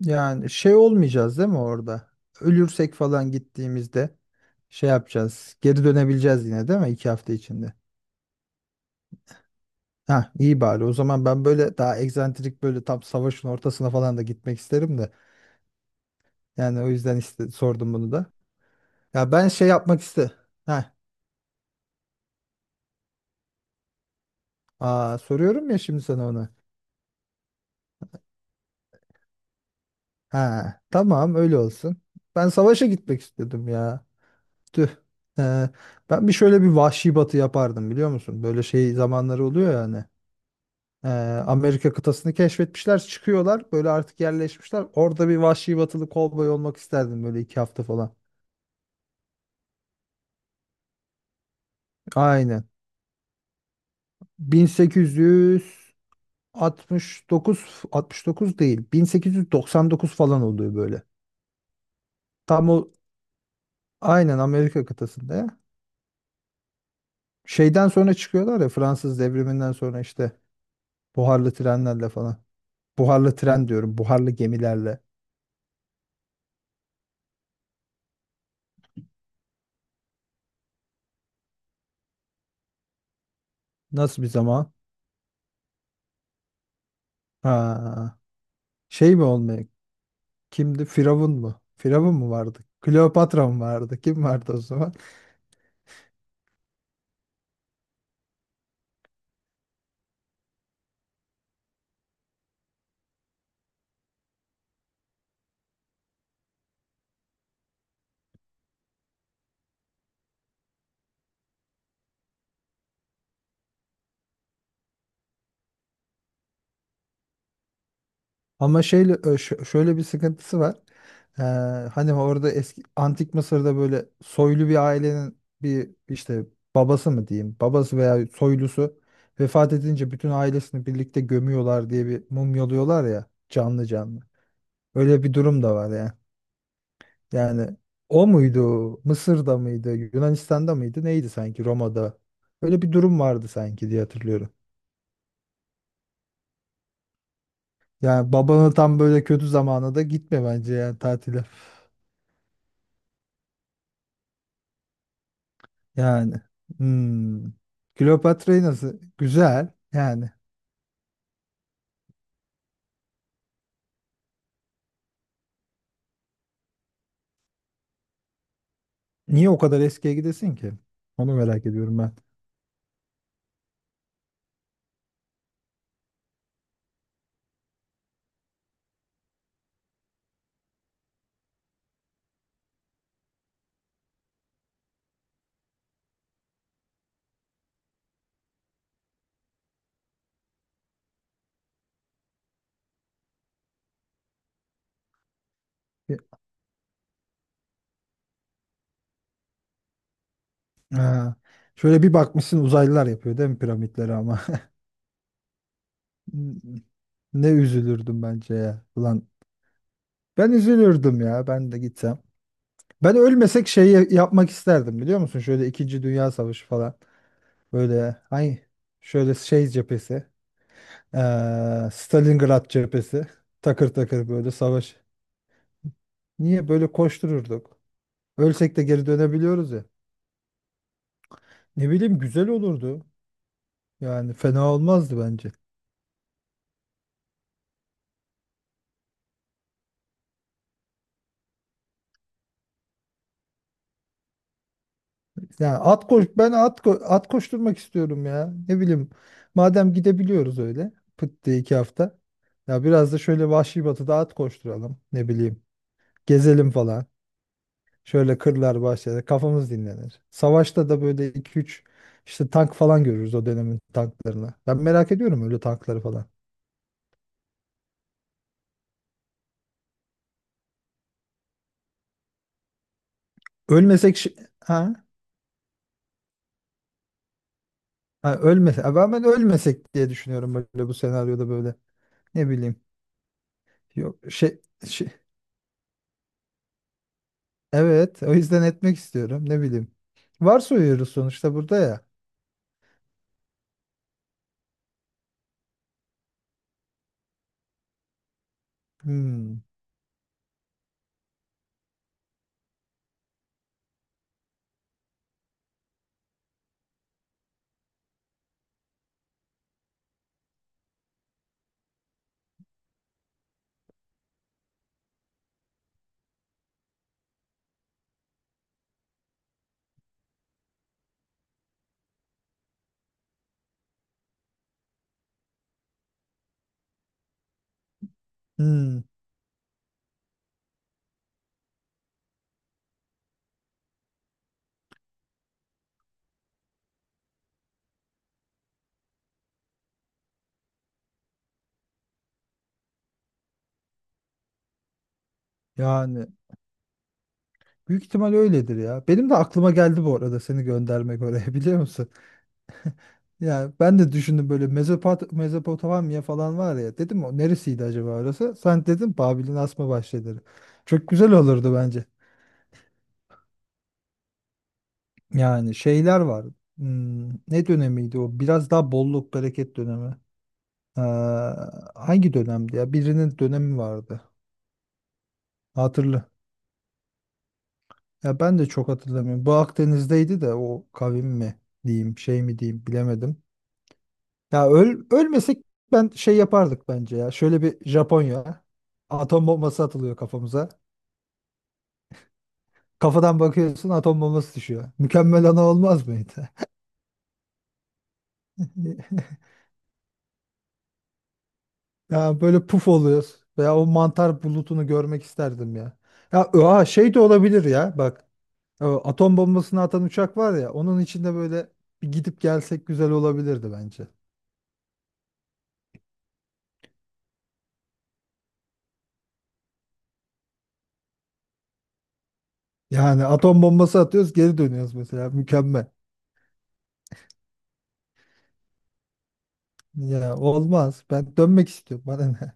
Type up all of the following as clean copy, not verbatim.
Yani şey olmayacağız değil mi orada? Ölürsek falan gittiğimizde şey yapacağız. Geri dönebileceğiz yine değil mi? İki hafta içinde. Ha, iyi bari. O zaman ben böyle daha egzantrik, böyle tam savaşın ortasına falan da gitmek isterim de. Yani o yüzden sordum bunu da. Ya ben şey yapmak iste. Ha, soruyorum ya şimdi sana onu. Ha, tamam öyle olsun. Ben savaşa gitmek istedim ya. Tüh. Ee, Ben bir şöyle bir vahşi batı yapardım biliyor musun? Böyle şey zamanları oluyor yani. Ee, Amerika kıtasını keşfetmişler, çıkıyorlar. Böyle artık yerleşmişler. Orada bir vahşi batılı kovboy olmak isterdim, böyle iki hafta falan. Aynen. 1869, 69 değil, 1899 falan oluyor böyle. Tam o, aynen Amerika kıtasında ya. Şeyden sonra çıkıyorlar ya, Fransız devriminden sonra işte buharlı trenlerle falan. Buharlı tren diyorum, buharlı gemilerle. Nasıl bir zaman? Ha. Şey mi olmaya? Kimdi? Firavun mu? Firavun mu vardı? Kleopatra mı vardı? Kim vardı o zaman? Ama şeyle şöyle bir sıkıntısı var. Ee, Hani orada eski antik Mısır'da böyle soylu bir ailenin bir işte babası mı diyeyim? Babası veya soylusu vefat edince bütün ailesini birlikte gömüyorlar diye, bir mumyalıyorlar ya canlı canlı. Öyle bir durum da var ya. Yani o muydu? Mısır'da mıydı? Yunanistan'da mıydı? Neydi, sanki Roma'da? Öyle bir durum vardı sanki diye hatırlıyorum. Yani babanın tam böyle kötü zamanı da gitme bence yani tatile. Yani. Hmm. Kleopatra'yı nasıl? Güzel. Yani. Niye o kadar eskiye gidesin ki? Onu merak ediyorum ben. Bir- Ha. Şöyle bir bakmışsın uzaylılar yapıyor değil mi piramitleri ama. Ne üzülürdüm bence ya. Ulan ben üzülürdüm ya, ben de gitsem. Ben ölmesek şeyi yapmak isterdim biliyor musun? Şöyle İkinci Dünya Savaşı falan. Böyle ay, şöyle şey cephesi. Stalingrad cephesi. Takır takır böyle savaş. Niye böyle koştururduk? Ölsek de geri dönebiliyoruz ya. Ne bileyim, güzel olurdu. Yani fena olmazdı bence. Yani at koş ben at koşturmak istiyorum ya. Ne bileyim. Madem gidebiliyoruz öyle. Pıt diye iki hafta. Ya biraz da şöyle Vahşi Batı'da at koşturalım. Ne bileyim. Gezelim falan. Şöyle kırlar, bahçede kafamız dinlenir. Savaşta da böyle iki üç işte tank falan görürüz, o dönemin tanklarını. Ben merak ediyorum öyle tankları falan. Ölmesek ha? Ha, ölmesek. Ben ölmesek diye düşünüyorum böyle bu senaryoda böyle. Ne bileyim. Yok şey, şey, evet o yüzden etmek istiyorum, ne bileyim. Varsayıyoruz sonuçta burada ya. Hmm, hmm. Yani büyük ihtimal öyledir ya. Benim de aklıma geldi bu arada seni göndermek oraya. Biliyor musun? Yani ben de düşündüm böyle Mezopotamya falan var ya, dedim o neresiydi acaba orası? Sen dedin Babil'in asma bahçeleri. Çok güzel olurdu bence. Yani şeyler var. Hmm, ne dönemiydi o? Biraz daha bolluk bereket dönemi. Ee, Hangi dönemdi ya? Birinin dönemi vardı. Hatırlı. Ya ben de çok hatırlamıyorum. Bu Akdeniz'deydi de, o kavim mi diyeyim, şey mi diyeyim, bilemedim. Ya ölmesek ben şey yapardık bence ya. Şöyle bir Japonya. Atom bombası atılıyor kafamıza. Kafadan bakıyorsun, atom bombası düşüyor. Mükemmel ana olmaz mıydı? Ya böyle puf oluyoruz. Veya o mantar bulutunu görmek isterdim ya. Ya şey de olabilir ya bak. O atom bombasını atan uçak var ya, onun içinde böyle bir gidip gelsek güzel olabilirdi bence. Yani atom bombası atıyoruz, geri dönüyoruz mesela, mükemmel. Ya olmaz. Ben dönmek istiyorum. Bana ne?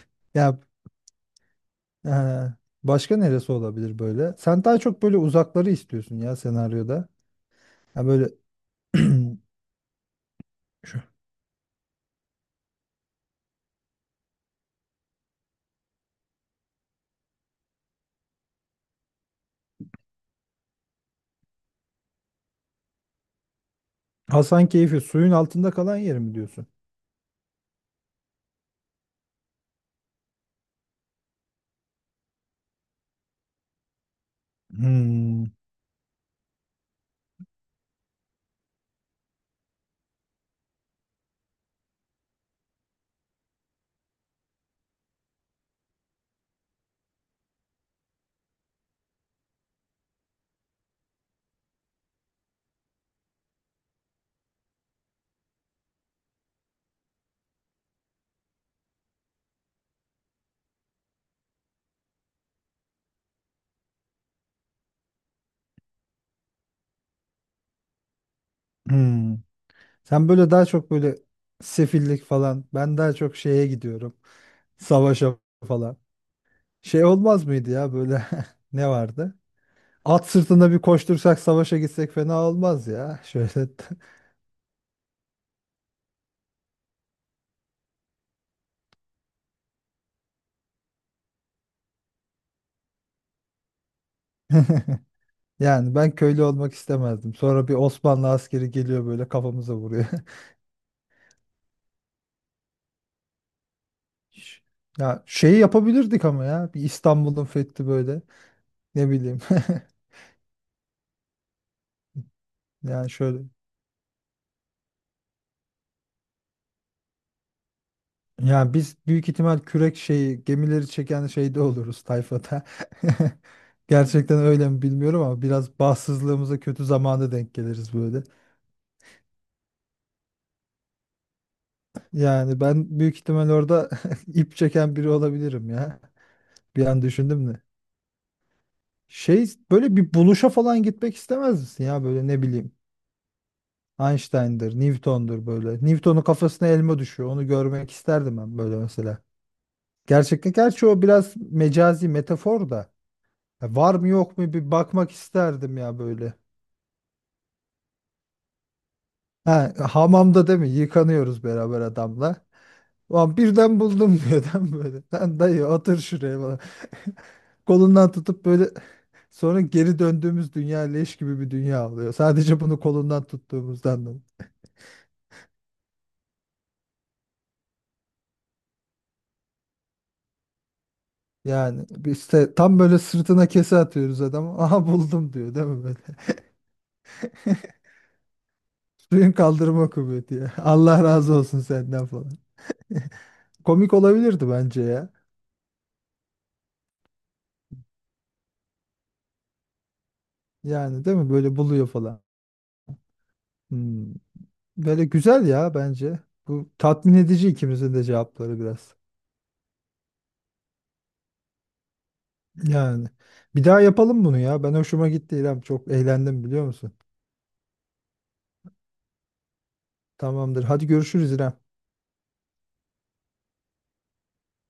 Ya, Ee, başka neresi olabilir böyle? Sen daha çok böyle uzakları istiyorsun ya senaryoda. Ha böyle şu Hasankeyf'i, suyun altında kalan yer mi diyorsun? Hmm, hmm. Sen böyle daha çok böyle sefillik falan. Ben daha çok şeye gidiyorum. Savaşa falan. Şey olmaz mıydı ya böyle, ne vardı? At sırtında bir koştursak, savaşa gitsek fena olmaz ya. Şöyle yani ben köylü olmak istemezdim. Sonra bir Osmanlı askeri geliyor böyle, kafamıza vuruyor. Ş- Ya şeyi yapabilirdik ama, ya bir İstanbul'un fethi böyle, ne bileyim. Yani şöyle, yani biz büyük ihtimal kürek şeyi, gemileri çeken şeyde oluruz, tayfada. Gerçekten öyle mi bilmiyorum ama biraz bahtsızlığımıza kötü zamanda denk geliriz böyle. Yani ben büyük ihtimal orada ip çeken biri olabilirim ya. Bir an düşündüm de, şey böyle bir buluşa falan gitmek istemez misin ya, böyle ne bileyim, Einstein'dır, Newton'dur böyle. Newton'un kafasına elma düşüyor. Onu görmek isterdim ben böyle mesela. Gerçekten, gerçi o biraz mecazi, metafor da. Ya var mı yok mu, bir bakmak isterdim ya böyle. Ha, hamamda değil mi? Yıkanıyoruz beraber adamla. Ulan birden buldum diyor adam böyle. Lan dayı otur şuraya falan. Kolundan tutup böyle sonra geri döndüğümüz dünya leş gibi bir dünya oluyor. Sadece bunu kolundan tuttuğumuzdan. Yani biz işte tam böyle sırtına kese atıyoruz adamı. Aha buldum diyor değil mi böyle? Suyun kaldırma kuvveti ya. Allah razı olsun senden falan. Komik olabilirdi bence ya. Yani değil mi, böyle buluyor falan. Hmm. Böyle güzel ya bence. Bu tatmin edici, ikimizin de cevapları biraz. Yani bir daha yapalım bunu ya. Ben hoşuma gitti İrem. Çok eğlendim biliyor musun? Tamamdır. Hadi görüşürüz İrem.